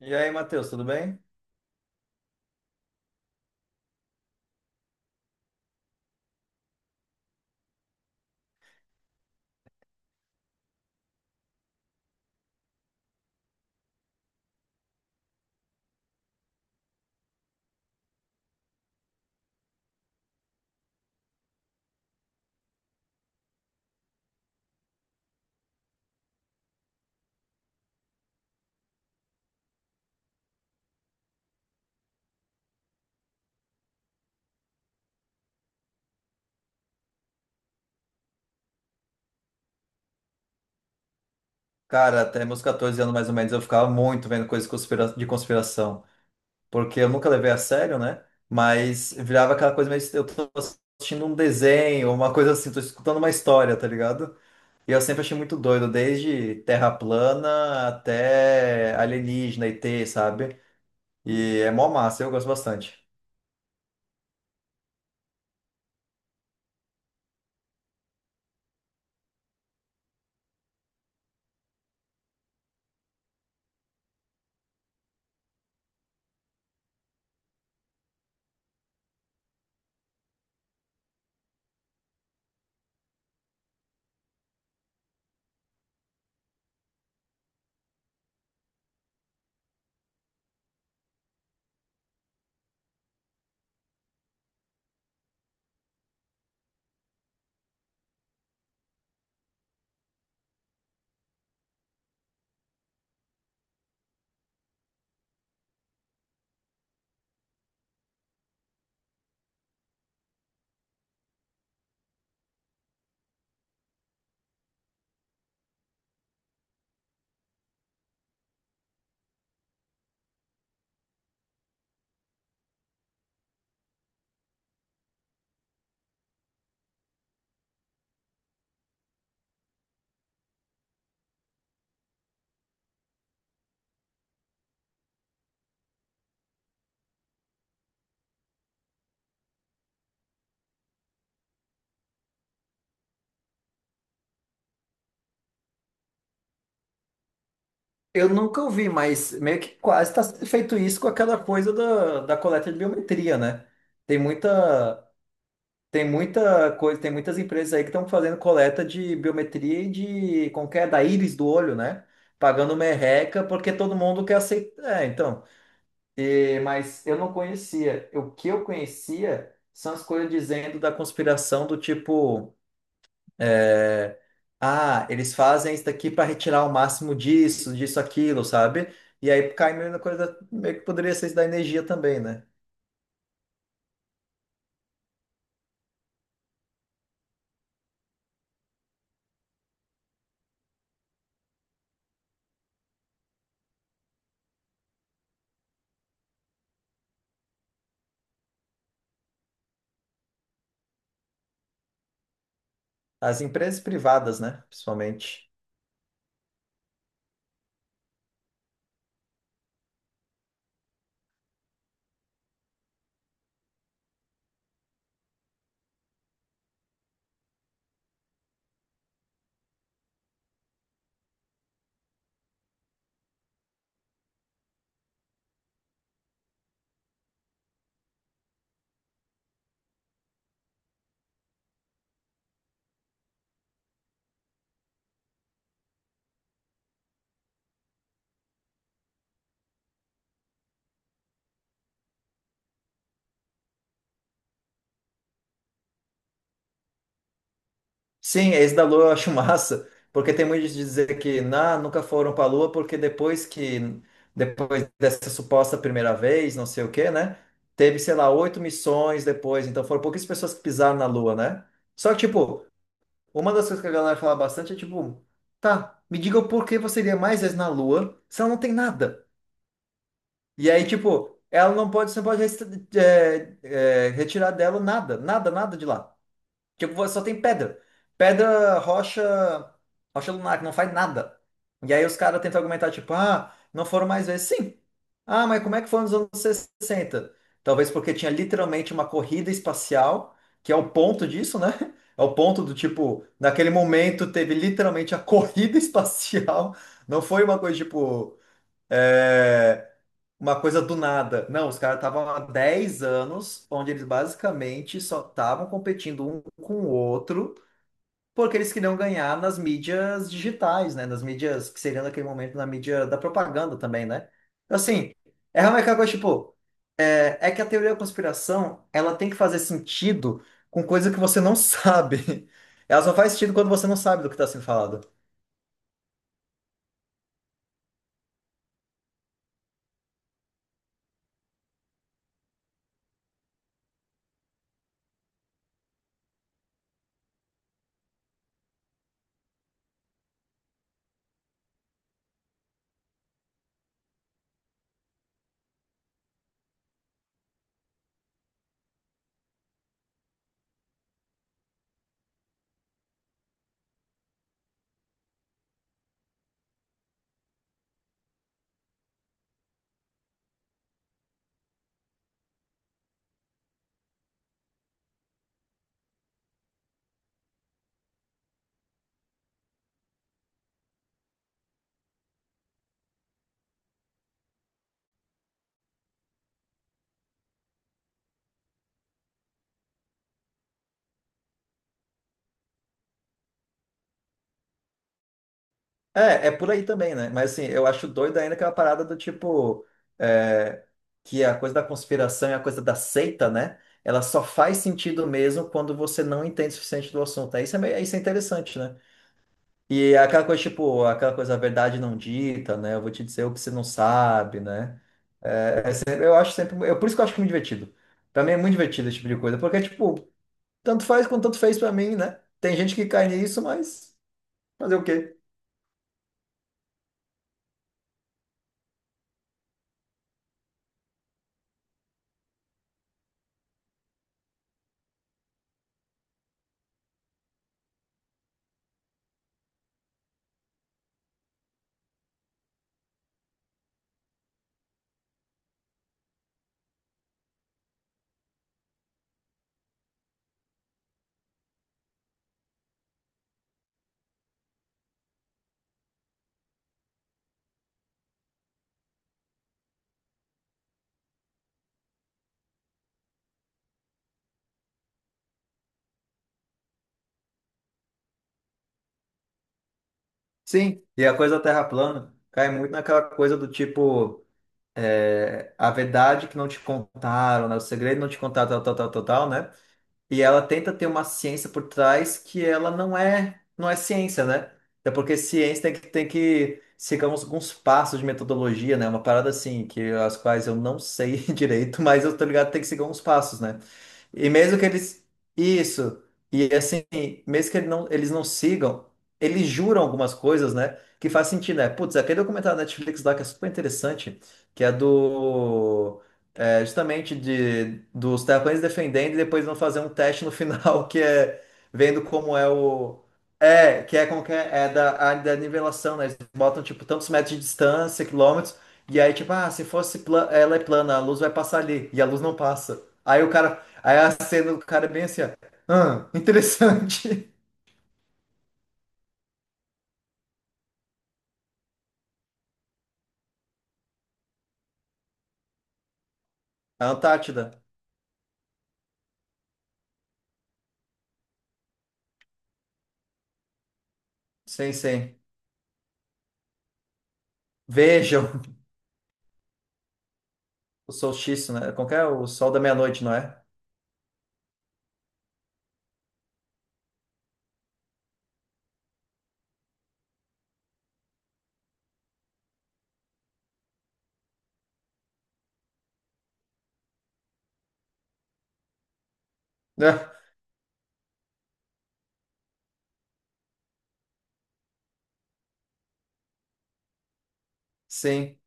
E aí, Matheus, tudo bem? Cara, até meus 14 anos mais ou menos eu ficava muito vendo coisas conspira- de conspiração, porque eu nunca levei a sério, né? Mas virava aquela coisa meio. Eu tô assistindo um desenho, uma coisa assim, tô escutando uma história, tá ligado? E eu sempre achei muito doido, desde terra plana até alienígena, e ET, sabe? E é mó massa, eu gosto bastante. Eu nunca ouvi, mas meio que quase está sendo feito isso com aquela coisa da coleta de biometria, né? Tem muita. Tem muita coisa, tem muitas empresas aí que estão fazendo coleta de biometria e de como que é, da íris do olho, né? Pagando merreca porque todo mundo quer aceitar. É, então. É, mas eu não conhecia. O que eu conhecia são as coisas dizendo da conspiração do tipo, é, ah, eles fazem isso daqui para retirar o máximo disso, disso, aquilo, sabe? E aí cai meio na coisa, meio que poderia ser isso da energia também, né? As empresas privadas, né? Principalmente. Sim, esse da Lua eu acho massa, porque tem muito de dizer que nah, nunca foram para a Lua, porque depois dessa suposta primeira vez, não sei o quê, né? Teve, sei lá, oito missões depois, então foram poucas pessoas que pisaram na Lua, né? Só que, tipo, uma das coisas que a galera fala bastante é tipo, tá, me diga o porquê você iria mais vezes na Lua se ela não tem nada. E aí, tipo, ela não pode, você não pode retirar dela nada, nada, nada de lá. Tipo, só tem pedra. Pedra, rocha, rocha lunar, que não faz nada. E aí os caras tentam argumentar, tipo, ah, não foram mais vezes. Sim. Ah, mas como é que foi nos anos 60? Talvez porque tinha literalmente uma corrida espacial, que é o ponto disso, né? É o ponto do tipo, naquele momento teve literalmente a corrida espacial. Não foi uma coisa tipo. Eh, Uma coisa do nada. Não, os caras estavam há 10 anos, onde eles basicamente só estavam competindo um com o outro, porque eles queriam ganhar nas mídias digitais, né? Nas mídias que seriam naquele momento na mídia da propaganda também, né? Então, assim, é realmente aquela coisa, tipo, é que a teoria da conspiração, ela tem que fazer sentido com coisa que você não sabe. Ela só faz sentido quando você não sabe do que está sendo falado. É, é por aí também, né? Mas assim, eu acho doido ainda aquela parada do tipo, é, que a coisa da conspiração e a coisa da seita, né? Ela só faz sentido mesmo quando você não entende o suficiente do assunto. Aí isso é, isso é interessante, né? E é aquela coisa, tipo, aquela coisa, a verdade não dita, né? Eu vou te dizer o que você não sabe, né? Eu acho sempre. Eu, por isso que eu acho muito divertido. Pra mim é muito divertido esse tipo de coisa, porque, tipo, tanto faz quanto tanto fez pra mim, né? Tem gente que cai nisso, mas fazer o quê? Sim, e a coisa da Terra plana cai muito naquela coisa do tipo, é, a verdade que não te contaram, né? O segredo não te contaram, tal, tal, tal, tal, tal, né? E ela tenta ter uma ciência por trás que ela não é, não é ciência, né? Até porque ciência tem que seguir uns, alguns passos de metodologia, né? Uma parada assim, que as quais eu não sei direito, mas eu tô ligado que tem que seguir uns passos, né? E mesmo que eles. Isso. E assim, mesmo que eles não sigam, eles juram algumas coisas, né? Que faz sentido, né? Putz, aquele documentário da Netflix lá que é super interessante, que é do. É, justamente de, dos terraplanistas defendendo e depois vão fazer um teste no final, que é vendo como é o. É, que é como que é, é da área da nivelação, né? Eles botam, tipo, tantos metros de distância, quilômetros, e aí, tipo, ah, se fosse pla- ela é plana, a luz vai passar ali, e a luz não passa. Aí a cena do cara é bem assim, ó. Ah, interessante. A Antártida. Sim, sim. Vejam o solstício, né? Qual que é? O sol da meia-noite, não é? É. Sim.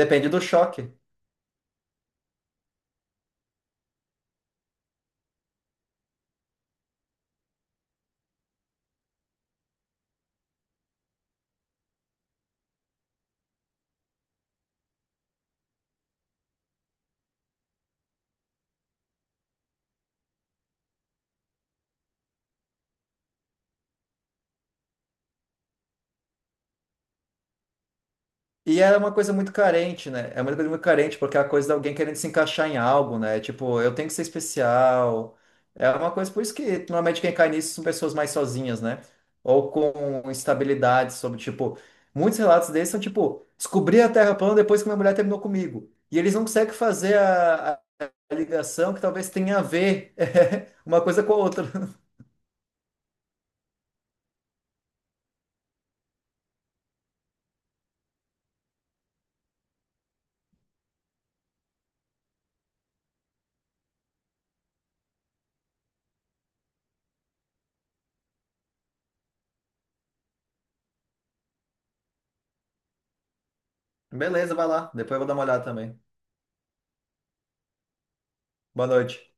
Depende do choque. E é uma coisa muito carente, né? É uma coisa muito carente, porque é a coisa de alguém querendo se encaixar em algo, né? Tipo, eu tenho que ser especial. É uma coisa, por isso que normalmente quem cai nisso são pessoas mais sozinhas, né? Ou com instabilidade sobre, tipo, muitos relatos desses são, tipo, descobri a Terra plana depois que minha mulher terminou comigo. E eles não conseguem fazer a ligação que talvez tenha a ver uma coisa com a outra. Beleza, vai lá. Depois eu vou dar uma olhada também. Boa noite.